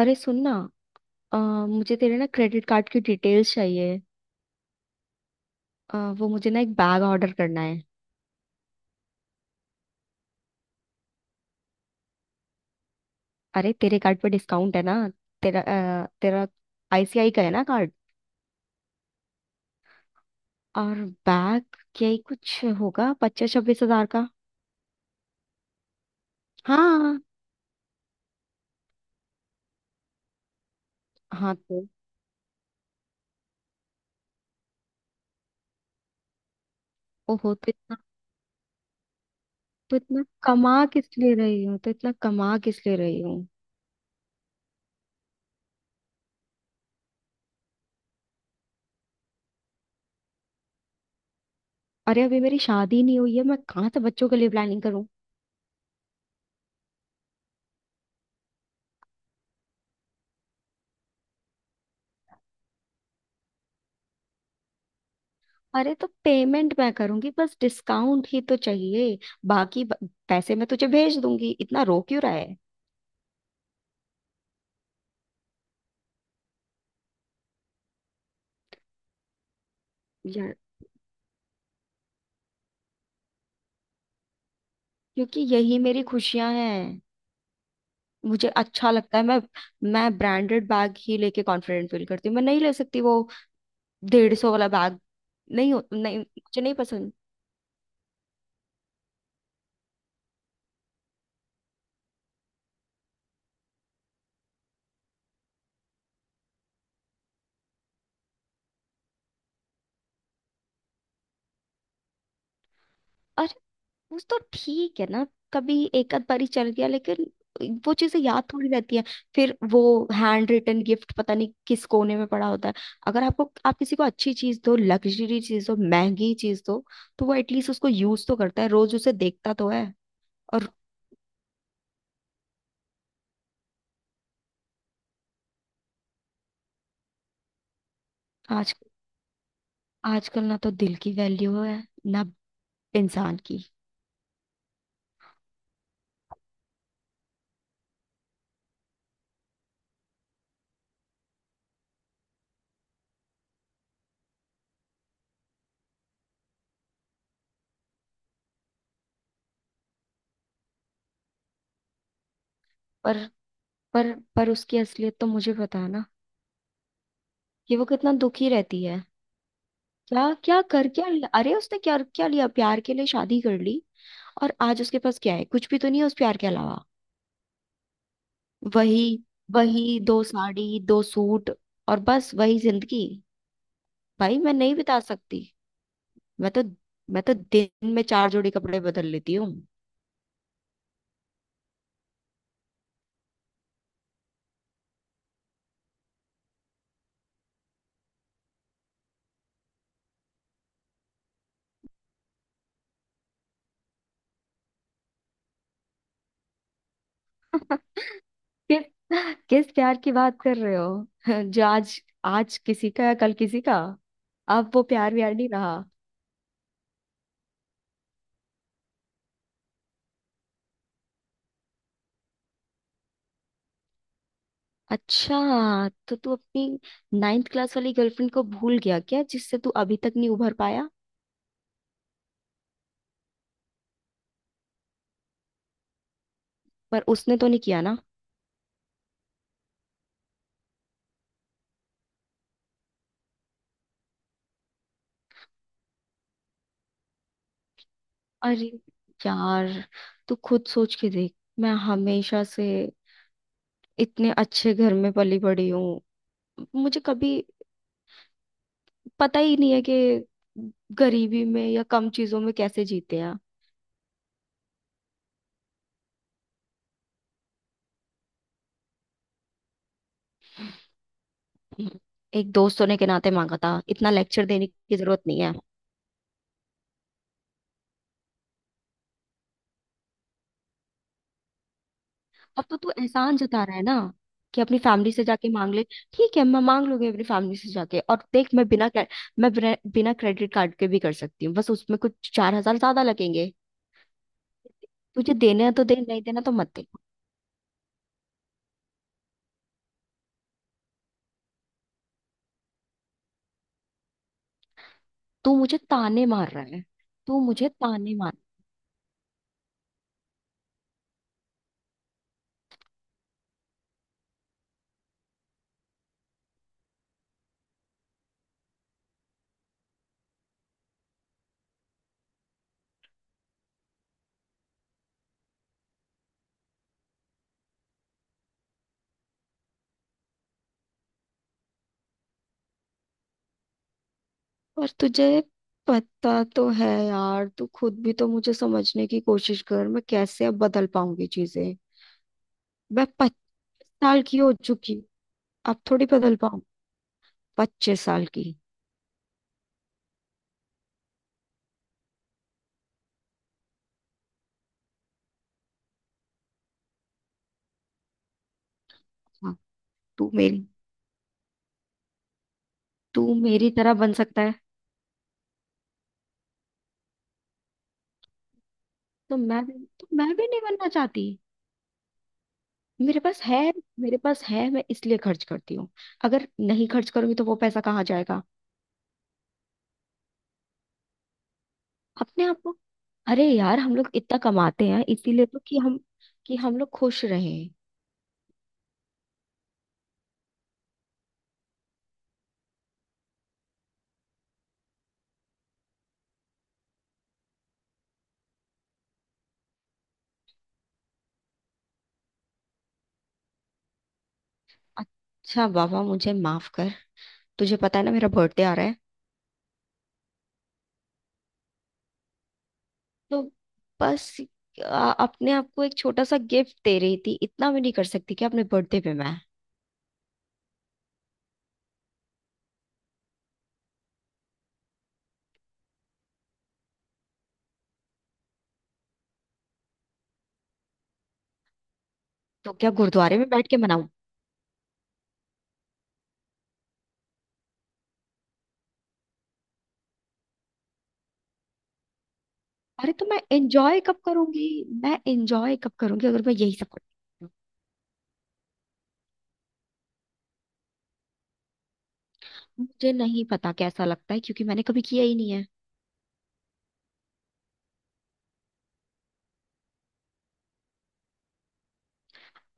अरे सुन ना। अ, मुझे तेरे ना क्रेडिट कार्ड की डिटेल्स चाहिए। वो मुझे ना एक बैग ऑर्डर करना है। अरे तेरे कार्ड पे डिस्काउंट है ना। तेरा तेरा आईसीआई का है ना कार्ड। और बैग क्या ही कुछ होगा 25-26 हजार का। हाँ। हाँ तो। ओहो तो इतना। तो इतना कमा किस लिए रही हूँ, तो इतना कमा किस लिए रही हूँ। अरे अभी मेरी शादी नहीं हुई है। मैं कहाँ से बच्चों के लिए प्लानिंग करूँ? अरे तो पेमेंट मैं करूंगी, बस डिस्काउंट ही तो चाहिए। बाकी पैसे मैं तुझे भेज दूंगी। इतना रो क्यों रहा है? यार, क्योंकि यही मेरी खुशियां हैं। मुझे अच्छा लगता है। मैं ब्रांडेड बैग ही लेके कॉन्फिडेंट फील करती हूँ। मैं नहीं ले सकती वो 150 वाला बैग। नहीं, हो नहीं, मुझे नहीं पसंद। वो तो ठीक है ना। कभी एक आध बारी चल गया, लेकिन वो चीजें याद थोड़ी रहती है। फिर वो हैंड रिटन गिफ्ट पता नहीं किस कोने में पड़ा होता है। अगर आपको आप किसी को अच्छी चीज दो, लग्जरी चीज दो, महंगी चीज दो, तो वो एटलीस्ट उसको यूज तो करता है, रोज उसे देखता तो है। और आज, आजकल ना तो दिल की वैल्यू है ना इंसान की। पर पर उसकी असलियत तो मुझे पता है ना। कि वो कितना दुखी रहती है। क्या क्या कर, क्या लिया? अरे उसने क्या क्या लिया? प्यार के लिए शादी कर ली। और आज उसके पास क्या है? कुछ भी तो नहीं है उस प्यार के अलावा। वही वही दो साड़ी दो सूट। और बस वही जिंदगी। भाई मैं नहीं बिता सकती। मैं तो मैं तो दिन में चार जोड़ी कपड़े बदल लेती हूँ। किस किस प्यार की बात कर रहे हो जो आज, आज किसी का, कल किसी का। अब वो प्यार व्यार नहीं रहा। अच्छा, तो तू अपनी नाइन्थ क्लास वाली गर्लफ्रेंड को भूल गया क्या, जिससे तू अभी तक नहीं उभर पाया? पर उसने तो नहीं किया ना। अरे यार तू खुद सोच के देख। मैं हमेशा से इतने अच्छे घर में पली बड़ी हूँ। मुझे कभी पता ही नहीं है कि गरीबी में या कम चीजों में कैसे जीते हैं। एक दोस्तों ने के नाते मांगा था, इतना लेक्चर देने की जरूरत नहीं है। अब तो तू एहसान जता रहा है ना, कि अपनी फैमिली से जाके मांग ले। ठीक है, मैं मांग लूंगी अपनी फैमिली से जाके, और देख, मैं बिना मैं बिना बिना क्रेडिट कार्ड के भी कर सकती हूँ। बस उसमें कुछ 4 हजार ज्यादा लगेंगे। तुझे देना है तो दे, नहीं देना तो मत दे। तू मुझे ताने मार रहा है। तू मुझे ताने मार। और तुझे पता तो है यार। तू खुद भी तो मुझे समझने की कोशिश कर। मैं कैसे अब बदल पाऊंगी चीजें। मैं 25 साल की हो चुकी। अब थोड़ी बदल पाऊं, 25 साल की। हाँ। तू मेरी तू मेरी तरह बन सकता है। तो मैं भी तो मैं भी नहीं बनना चाहती। मेरे पास है मेरे पास है। मैं इसलिए खर्च करती हूँ। अगर नहीं खर्च करूंगी तो वो पैसा कहाँ जाएगा? अपने आप को। अरे यार हम लोग इतना कमाते हैं इसीलिए तो, कि हम लोग खुश रहें। अच्छा बाबा, मुझे माफ कर। तुझे पता है ना मेरा बर्थडे आ रहा है। तो बस अपने आप को एक छोटा सा गिफ्ट दे रही थी। इतना भी नहीं कर सकती कि अपने बर्थडे पे मैं। तो क्या गुरुद्वारे में बैठ के मनाऊं? अरे तो मैं एंजॉय कब करूंगी? मैं एंजॉय कब करूंगी अगर मैं यही सब करती हूँ। मुझे नहीं पता कैसा लगता है, क्योंकि मैंने कभी किया ही नहीं है।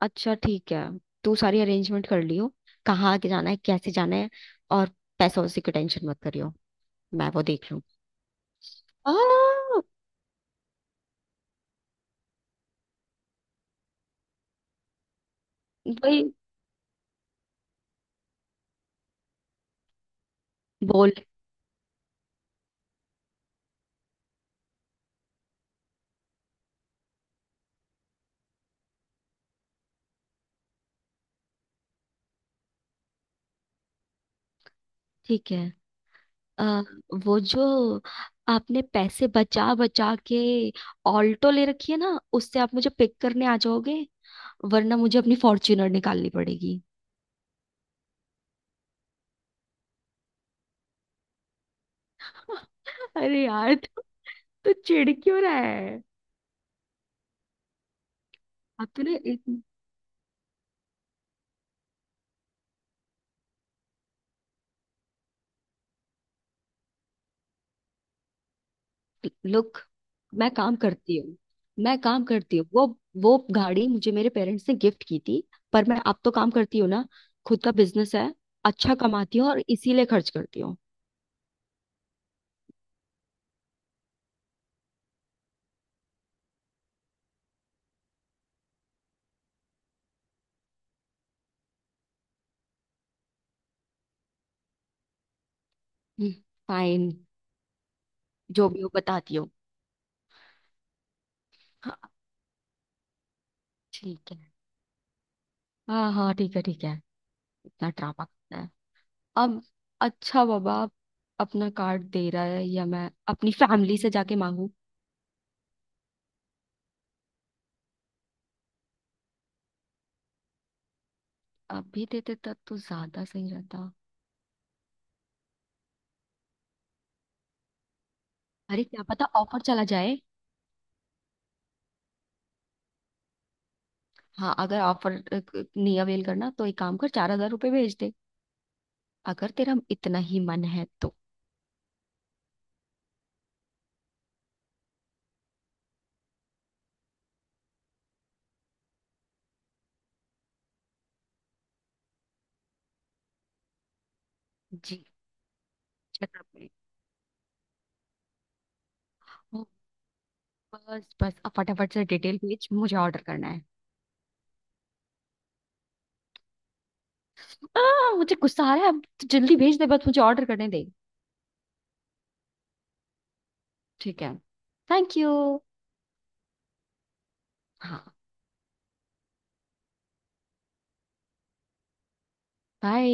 अच्छा ठीक है, तू सारी अरेंजमेंट कर लियो। कहाँ आगे जाना है, कैसे जाना है, और पैसा, उसी की टेंशन मत करियो। मैं वो देख लूँ। आ, वही बोल। ठीक है। आ, वो जो आपने पैसे बचा बचा के ऑल्टो ले रखी है ना, उससे आप मुझे पिक करने आ जाओगे, वरना मुझे अपनी फॉर्च्यूनर निकालनी पड़ेगी। अरे यार तू तो चिढ़ क्यों रहा है? अब तूने एक लुक, मैं काम करती हूँ। वो गाड़ी मुझे मेरे पेरेंट्स ने गिफ्ट की थी। पर मैं अब तो काम करती हूँ ना। खुद का बिजनेस है। अच्छा कमाती हूँ और इसीलिए खर्च करती हूँ। फाइन। जो भी हो, बताती हूँ। हाँ ठीक है। हाँ, हाँ, ठीक है, ठीक है। इतना ड्रामा करना है। अब अच्छा बाबा, अपना कार्ड दे रहा है या मैं अपनी फैमिली से जाके मांगू? अब भी देते तब तो ज्यादा सही रहता। अरे क्या पता ऑफर चला जाए। हाँ, अगर ऑफर नहीं अवेल करना तो एक काम कर, 4 हजार रुपये भेज दे, अगर तेरा इतना ही मन है तो। जी, बता भाई। ओ, बस बस, अब फटाफट से डिटेल भेज, मुझे ऑर्डर करना है। मुझे गुस्सा आ रहा है अब तो, जल्दी भेज दे, बस मुझे ऑर्डर करने दे। ठीक है। Thank you. हाँ, बाय।